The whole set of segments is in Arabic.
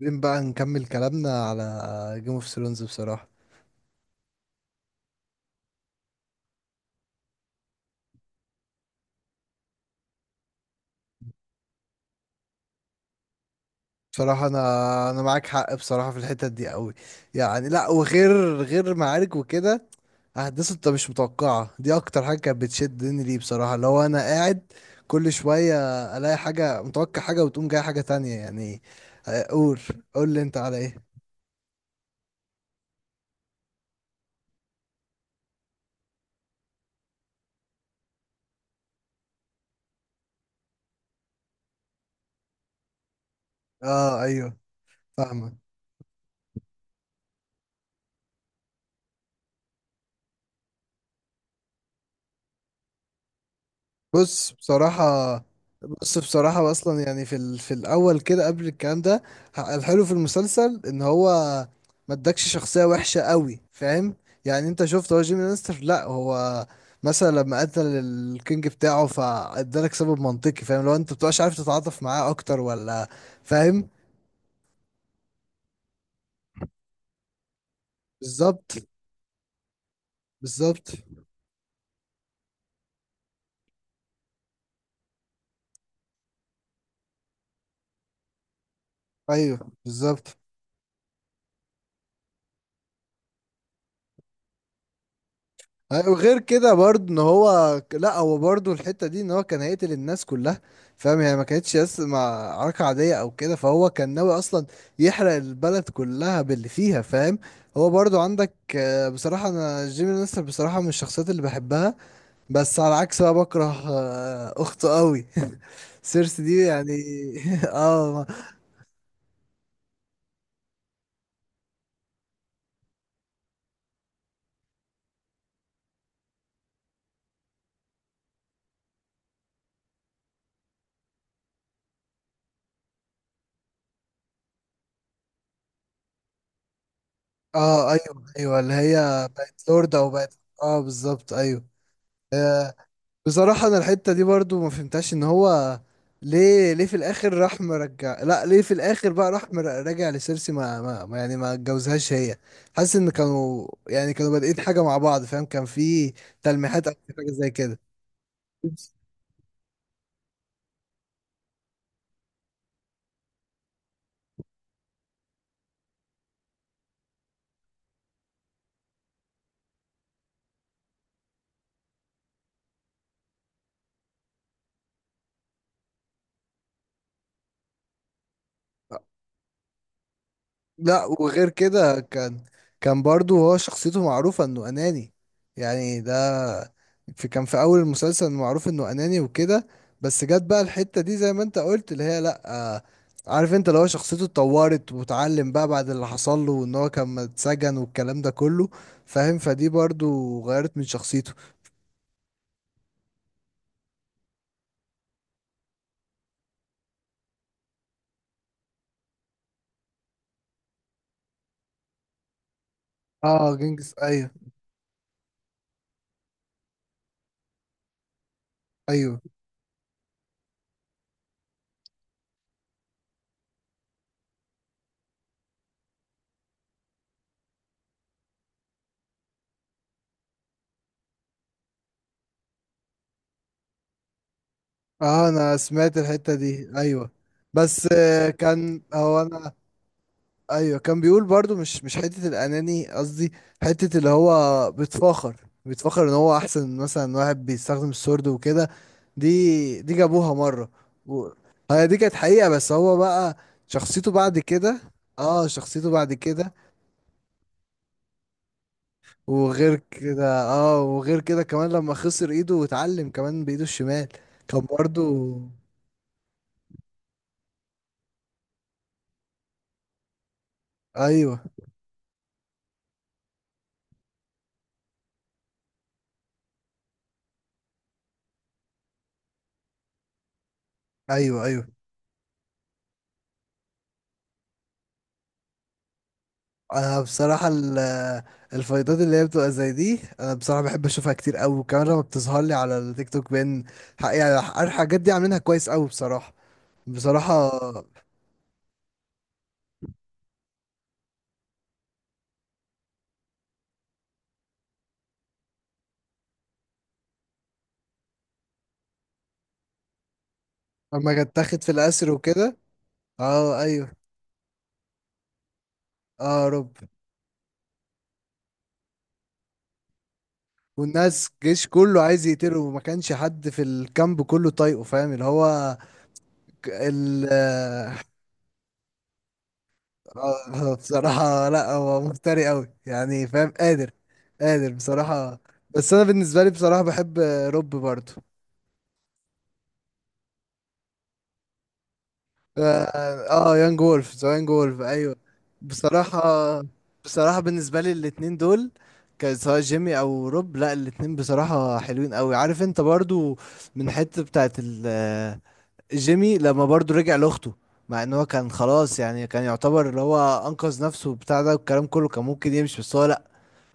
عايزين بقى نكمل كلامنا على جيم اوف ثرونز بصراحة. بصراحة، انا معاك حق بصراحة في الحتة دي قوي. يعني لا، وغير غير معارك وكده، احداث انت مش متوقعة دي اكتر حاجة كانت بتشدني ليه بصراحة. لو انا قاعد كل شوية الاقي حاجة، متوقع حاجة وتقوم جاي حاجة تانية يعني. آه، قول. قول لي انت على ايه. اه، ايوه. فاهمك. بص، بصراحة. بص، بصراحة أصلا يعني في الأول كده قبل الكلام ده. الحلو في المسلسل إن هو ما ادكش شخصية وحشة قوي، فاهم؟ يعني أنت شفت هو جيمي لانستر، لأ هو مثلا لما قتل الكينج بتاعه فادالك سبب منطقي، فاهم؟ لو أنت مبتبقاش عارف تتعاطف معاه أكتر ولا، فاهم. بالظبط. بالظبط. أيوه، بالظبط. أيوة، وغير كده برضه ان هو لا، هو برضه الحته دي ان هو كان هيقتل الناس كلها، فاهم؟ يعني ما كانتش بس مع عركه عاديه او كده، فهو كان ناوي اصلا يحرق البلد كلها باللي فيها، فاهم؟ هو برضه عندك، بصراحه انا جيمي لانستر بصراحه من الشخصيات اللي بحبها. بس على عكس بقى بكره، اخته قوي سيرسي دي يعني. اه. اه، ايوه، ايوه، اللي هي بقت لوردة وبقت، اه، بالظبط، ايوه. آه، بصراحة انا الحتة دي برضو ما فهمتهاش. ان هو ليه في الاخر راح مرجع، لا ليه في الاخر بقى راح راجع لسيرسي؟ يعني ما اتجوزهاش هي. حاسس ان كانوا يعني كانوا بادئين حاجة مع بعض، فاهم؟ كان في تلميحات او في حاجة زي كده. لا، وغير كده كان برضو هو شخصيته معروفة انه اناني. يعني ده كان في اول المسلسل معروف انه اناني وكده. بس جت بقى الحتة دي زي ما انت قلت اللي هي لا عارف انت، لو شخصيته اتطورت واتعلم بقى بعد اللي حصل له وان هو كان اتسجن والكلام ده كله، فاهم؟ فدي برضو غيرت من شخصيته. اه، جنجس، ايوه. ايوه، اه، انا سمعت الحتة دي، ايوه. بس كان هو انا، ايوه، كان بيقول برضو مش حته الاناني، قصدي حته اللي هو بيتفاخر. بيتفاخر ان هو احسن مثلا واحد بيستخدم السورد وكده. دي جابوها مره. و... هي دي كانت حقيقه، بس هو بقى شخصيته بعد كده. اه، شخصيته بعد كده. وغير كده كمان لما خسر ايده واتعلم كمان بايده الشمال. كان برضو. ايوه، ايوه، ايوه. انا بصراحه الفايضات اللي هي بتبقى زي دي، انا بصراحه بحب اشوفها كتير قوي، وكمان لما بتظهر لي على التيك توك بين يعني الحاجات دي عاملينها كويس قوي بصراحه. بصراحه. لما كانت تاخد في الاسر وكده. اه، ايوه. اه، يا رب. والناس، الجيش كله عايز يقتله، وما كانش حد في الكامب كله طايقه، فاهم؟ اللي هو. ك- ال آه بصراحه لا، هو مفتري قوي يعني، فاهم؟ قادر بصراحه. بس انا بالنسبه لي بصراحه بحب روب برضه. اه، يانج وولف ذا يانج وولف، ايوه. بصراحة بصراحة بالنسبة لي الاتنين دول، كان سواء جيمي او روب، لا الاتنين بصراحة حلوين قوي. عارف انت برضو من حتة بتاعت جيمي لما برضو رجع لاخته. مع ان هو كان خلاص يعني، كان يعتبر اللي هو انقذ نفسه بتاع ده والكلام كله، كان ممكن يمشي، بس هو لا.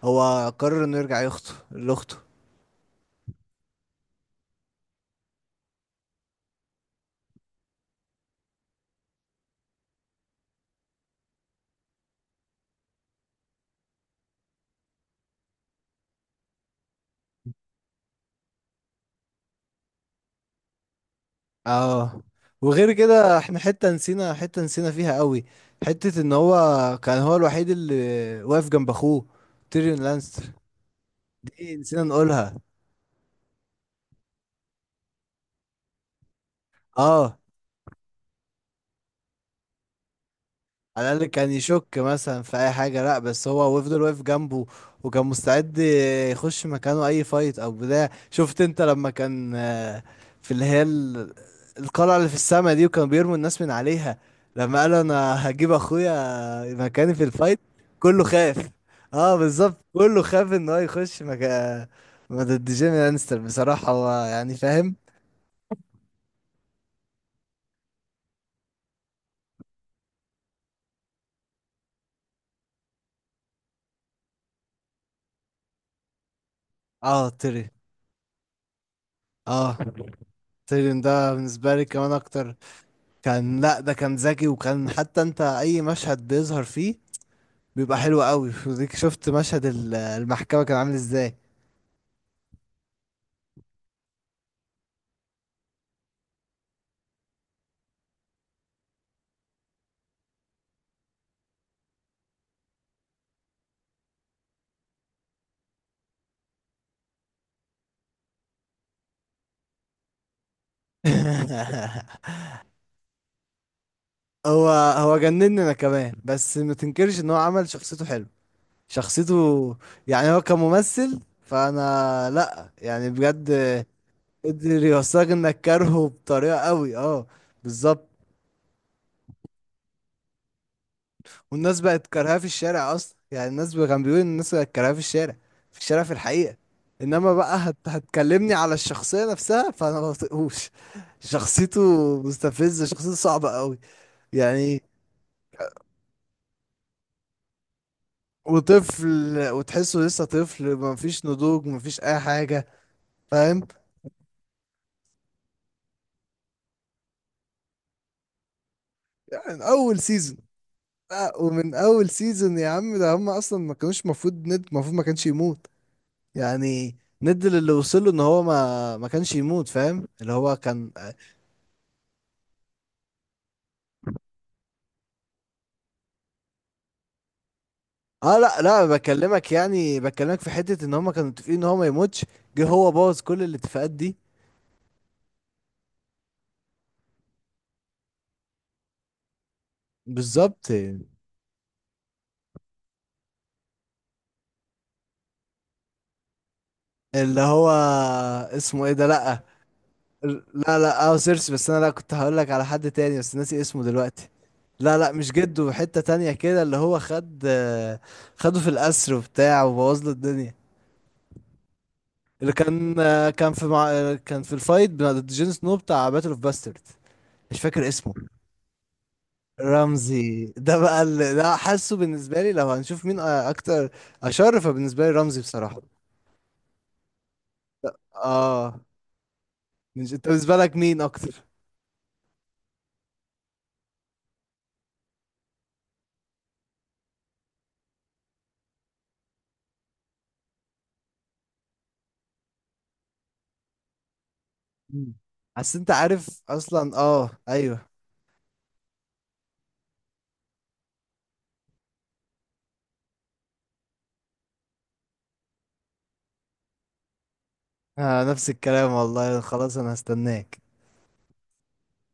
هو قرر انه يرجع يخطو لاخته. اه، وغير كده احنا حتة نسينا فيها قوي. حتة ان هو كان هو الوحيد اللي واقف جنب اخوه تيريون لانستر. دي نسينا نقولها. اه، على الأقل كان يشك مثلا في أي حاجة، لأ بس هو وفضل واقف جنبه، وكان مستعد يخش مكانه أي فايت أو بتاع. شفت أنت لما كان، في اللي هي القلعة اللي في السما دي وكانوا بيرموا الناس من عليها، لما قال أنا هجيب أخويا مكاني في الفايت. كله خاف. اه، بالظبط، كله خاف إن هو يخش مكان ضد جيمي لانستر، بصراحة هو يعني، فاهم. اه، اه تيري ده بالنسبة لي كمان أكتر. كان، لا ده كان ذكي، وكان حتى انت اي مشهد بيظهر فيه بيبقى حلو قوي. وديك شفت مشهد المحكمة كان عامل ازاي. هو هو جنني انا كمان، بس ما تنكرش ان هو عمل شخصيته حلو. شخصيته. يعني هو كممثل فانا لا يعني، بجد قدر يوصلك انك كارهه بطريقة قوي، اه. بالظبط. والناس بقت كارهاه في الشارع اصلا، يعني كان بيقول إن الناس بقت كارهاه في الشارع. في الشارع في الحقيقة. انما بقى هتكلمني على الشخصية نفسها فانا ما بطيقوش شخصيته. مستفزة، شخصيته صعبة قوي يعني. وطفل. وتحسه لسه طفل، ما فيش نضوج، ما فيش اي حاجة، فاهم؟ يعني اول سيزون. ومن اول سيزون يا عم، ده هم اصلا ما كانوش المفروض ما كانش يموت يعني. ند اللي وصله ان هو ما كانش يموت، فاهم؟ اللي هو كان. اه، لا لا، بكلمك يعني، بكلمك في حتة ان هما كانوا متفقين ان هو ما يموتش. جه هو بوظ كل الاتفاقات دي. بالظبط. اللي هو اسمه ايه ده؟ لا. لا لا، اه، سيرسي، بس انا لا كنت هقول لك على حد تاني، بس ناسي اسمه دلوقتي. لا لا، مش جده، حتة تانية كده اللي هو خد آه، خده في القصر وبتاع، وبوظ له الدنيا. اللي كان آه، كان في مع... آه، كان في الفايت ضد جون سنو، بتاع باتل اوف باسترد. مش فاكر اسمه. رمزي ده بقى اللي، ده حاسه بالنسبة لي لو هنشوف مين أكتر أشر، فبالنسبة لي رمزي بصراحة. اه. مش أنت بالنسبة لك مين أكتر؟ مم. حاسس أنت عارف أصلا، اه، أيوه. آه، نفس الكلام والله، خلاص أنا هستناك.